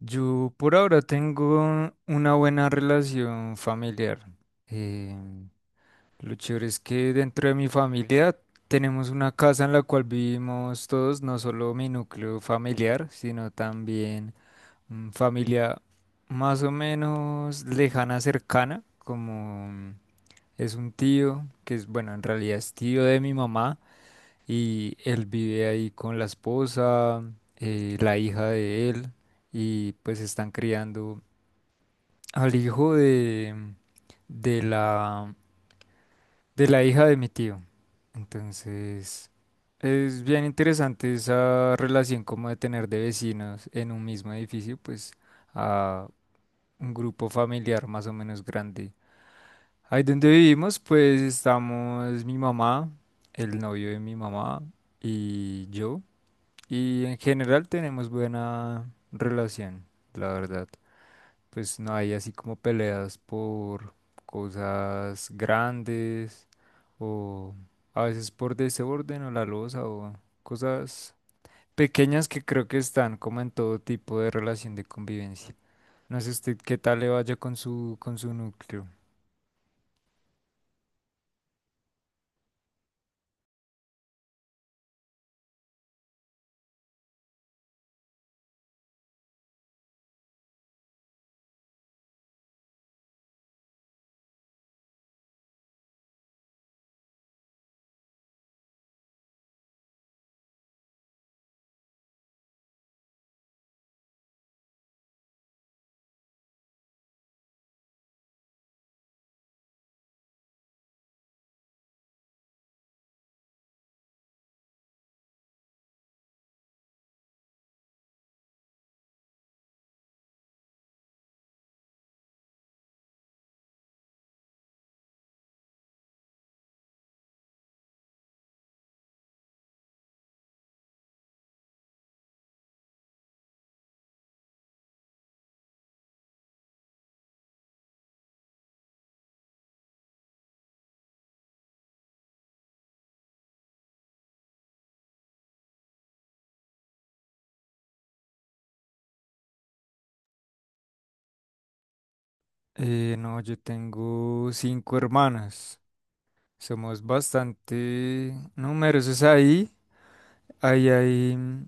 Yo por ahora tengo una buena relación familiar. Eh, lo chévere es que dentro de mi familia tenemos una casa en la cual vivimos todos, no solo mi núcleo familiar, sino también familia más o menos lejana, cercana, como es un tío, que es, bueno, en realidad es tío de mi mamá y él vive ahí con la esposa, la hija de él y pues están criando al hijo de la, de la hija de mi tío. Entonces, es bien interesante esa relación como de tener de vecinos en un mismo edificio, pues a un grupo familiar más o menos grande. Ahí donde vivimos, pues estamos mi mamá, el novio de mi mamá y yo. Y en general tenemos buena relación, la verdad. Pues no hay así como peleas por cosas grandes o a veces por desorden o la loza o cosas pequeñas que creo que están como en todo tipo de relación de convivencia. No sé usted qué tal le vaya con su núcleo. No, yo tengo cinco hermanas. Somos bastante numerosos ahí. Ahí hay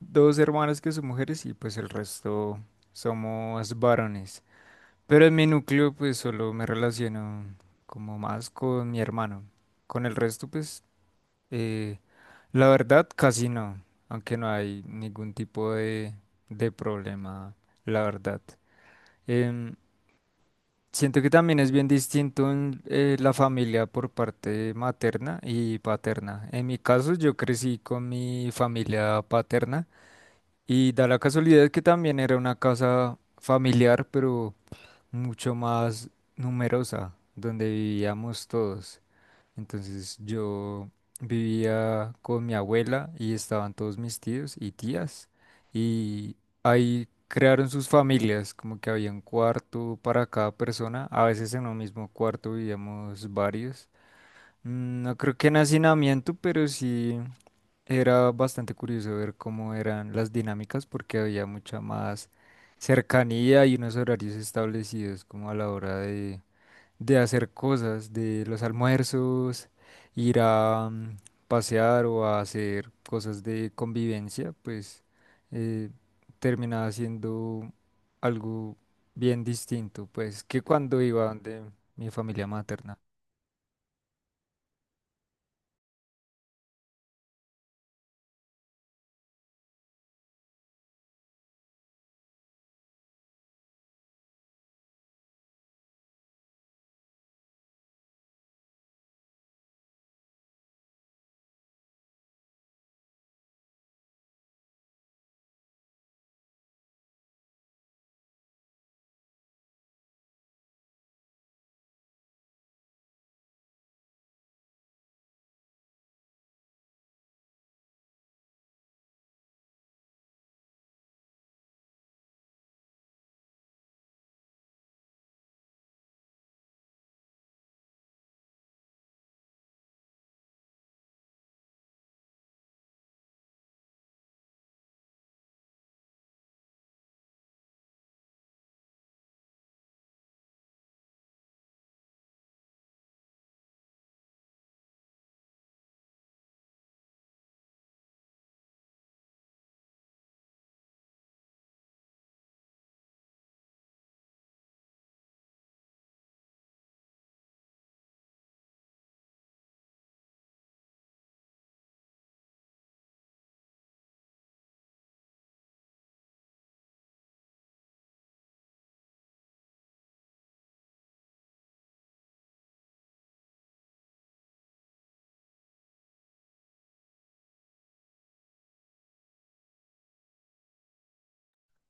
dos hermanas que son mujeres y pues el resto somos varones. Pero en mi núcleo pues solo me relaciono como más con mi hermano. Con el resto pues eh, la verdad casi no, aunque no hay ningún tipo de problema, la verdad. Em, Siento que también es bien distinto en, la familia por parte materna y paterna. En mi caso yo crecí con mi familia paterna y da la casualidad que también era una casa familiar, pero mucho más numerosa, donde vivíamos todos. Entonces yo vivía con mi abuela y estaban todos mis tíos y tías y ahí crearon sus familias, como que había un cuarto para cada persona. A veces en un mismo cuarto vivíamos varios. No creo que en hacinamiento, pero sí. Era bastante curioso ver cómo eran las dinámicas porque había mucha más cercanía y unos horarios establecidos como a la hora de hacer cosas, de los almuerzos, ir a pasear o a hacer cosas de convivencia, pues eh, terminaba siendo algo bien distinto, pues que cuando iba donde mi familia materna.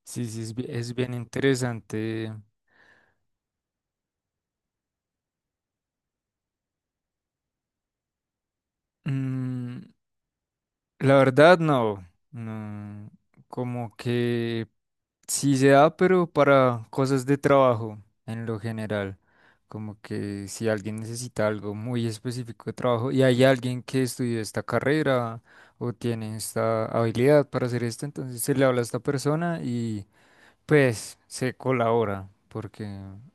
Sí, sí, es, es bien interesante. mm, La verdad, no. No. Como que sí se da, pero para cosas de trabajo en lo general. Como que si alguien necesita algo muy específico de trabajo y hay alguien que estudió esta carrera o tiene esta habilidad para hacer esto, entonces se le habla a esta persona y pues se colabora, porque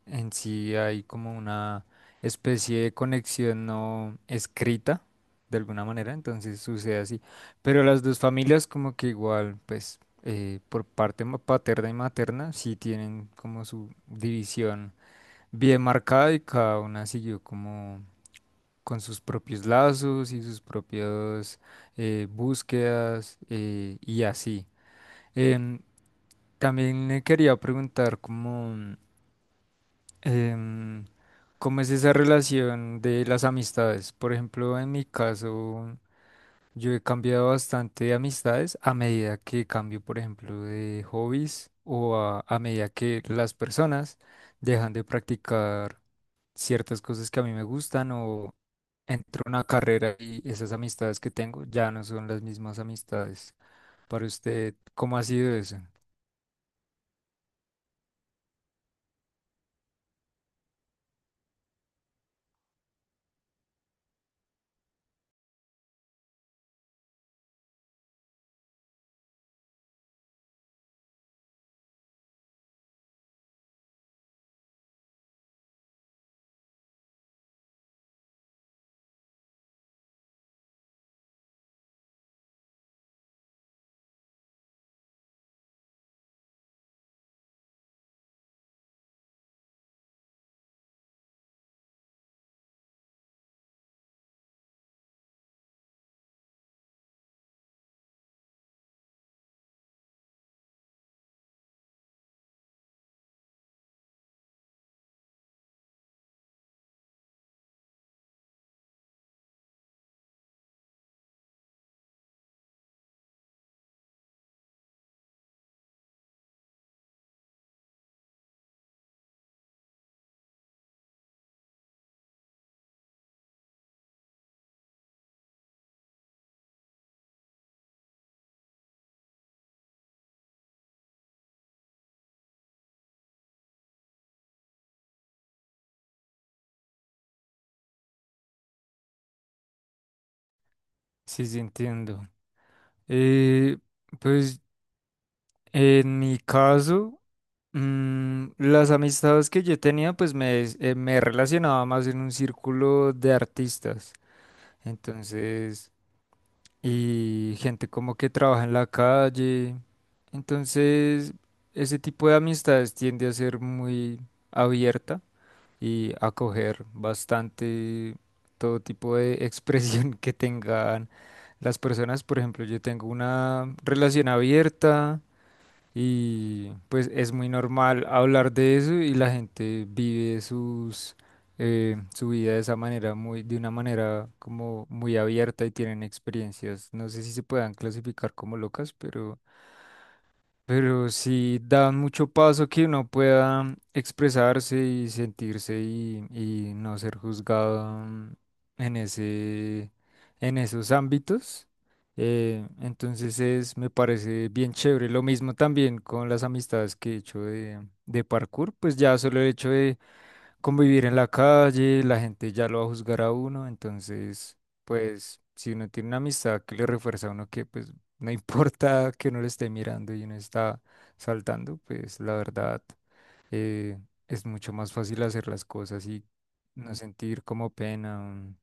en sí hay como una especie de conexión no escrita, de alguna manera, entonces sucede así. Pero las dos familias como que igual, pues por parte paterna y materna, sí tienen como su división bien marcada y cada una siguió como con sus propios lazos y sus propias búsquedas y así. Em, También me quería preguntar cómo, em, cómo es esa relación de las amistades. Por ejemplo, en mi caso, yo he cambiado bastante de amistades a medida que cambio, por ejemplo, de hobbies o a medida que las personas dejan de practicar ciertas cosas que a mí me gustan o entro a una carrera y esas amistades que tengo ya no son las mismas amistades. Para usted, ¿cómo ha sido eso? Sí, sí, entiendo. Eh, pues en mi caso, las amistades que yo tenía, pues me relacionaba más en un círculo de artistas. Entonces, y gente como que trabaja en la calle. Entonces, ese tipo de amistades tiende a ser muy abierta y a acoger bastante todo tipo de expresión que tengan las personas. Por ejemplo, yo tengo una relación abierta. Y pues es muy normal hablar de eso y la gente vive su vida de esa manera, muy, de una manera como muy abierta y tienen experiencias. No sé si se puedan clasificar como locas, pero sí dan mucho paso que uno pueda expresarse y sentirse y no ser juzgado en ese, en esos ámbitos. Entonces es, me parece bien chévere. Lo mismo también con las amistades que he hecho de parkour, pues ya solo el hecho de convivir en la calle, la gente ya lo va a juzgar a uno, entonces, pues, si uno tiene una amistad que le refuerza a uno que, pues, no importa que uno le esté mirando y uno está saltando, pues, la verdad, eh, es mucho más fácil hacer las cosas y no sentir como pena.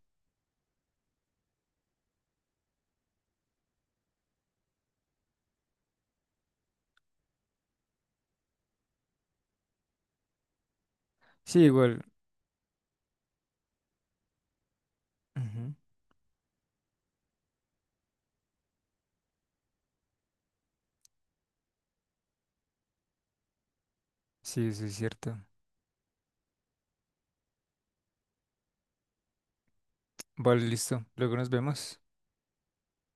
Sí, igual. Ujú. Sí, eso es cierto. Vale, listo. Luego nos vemos.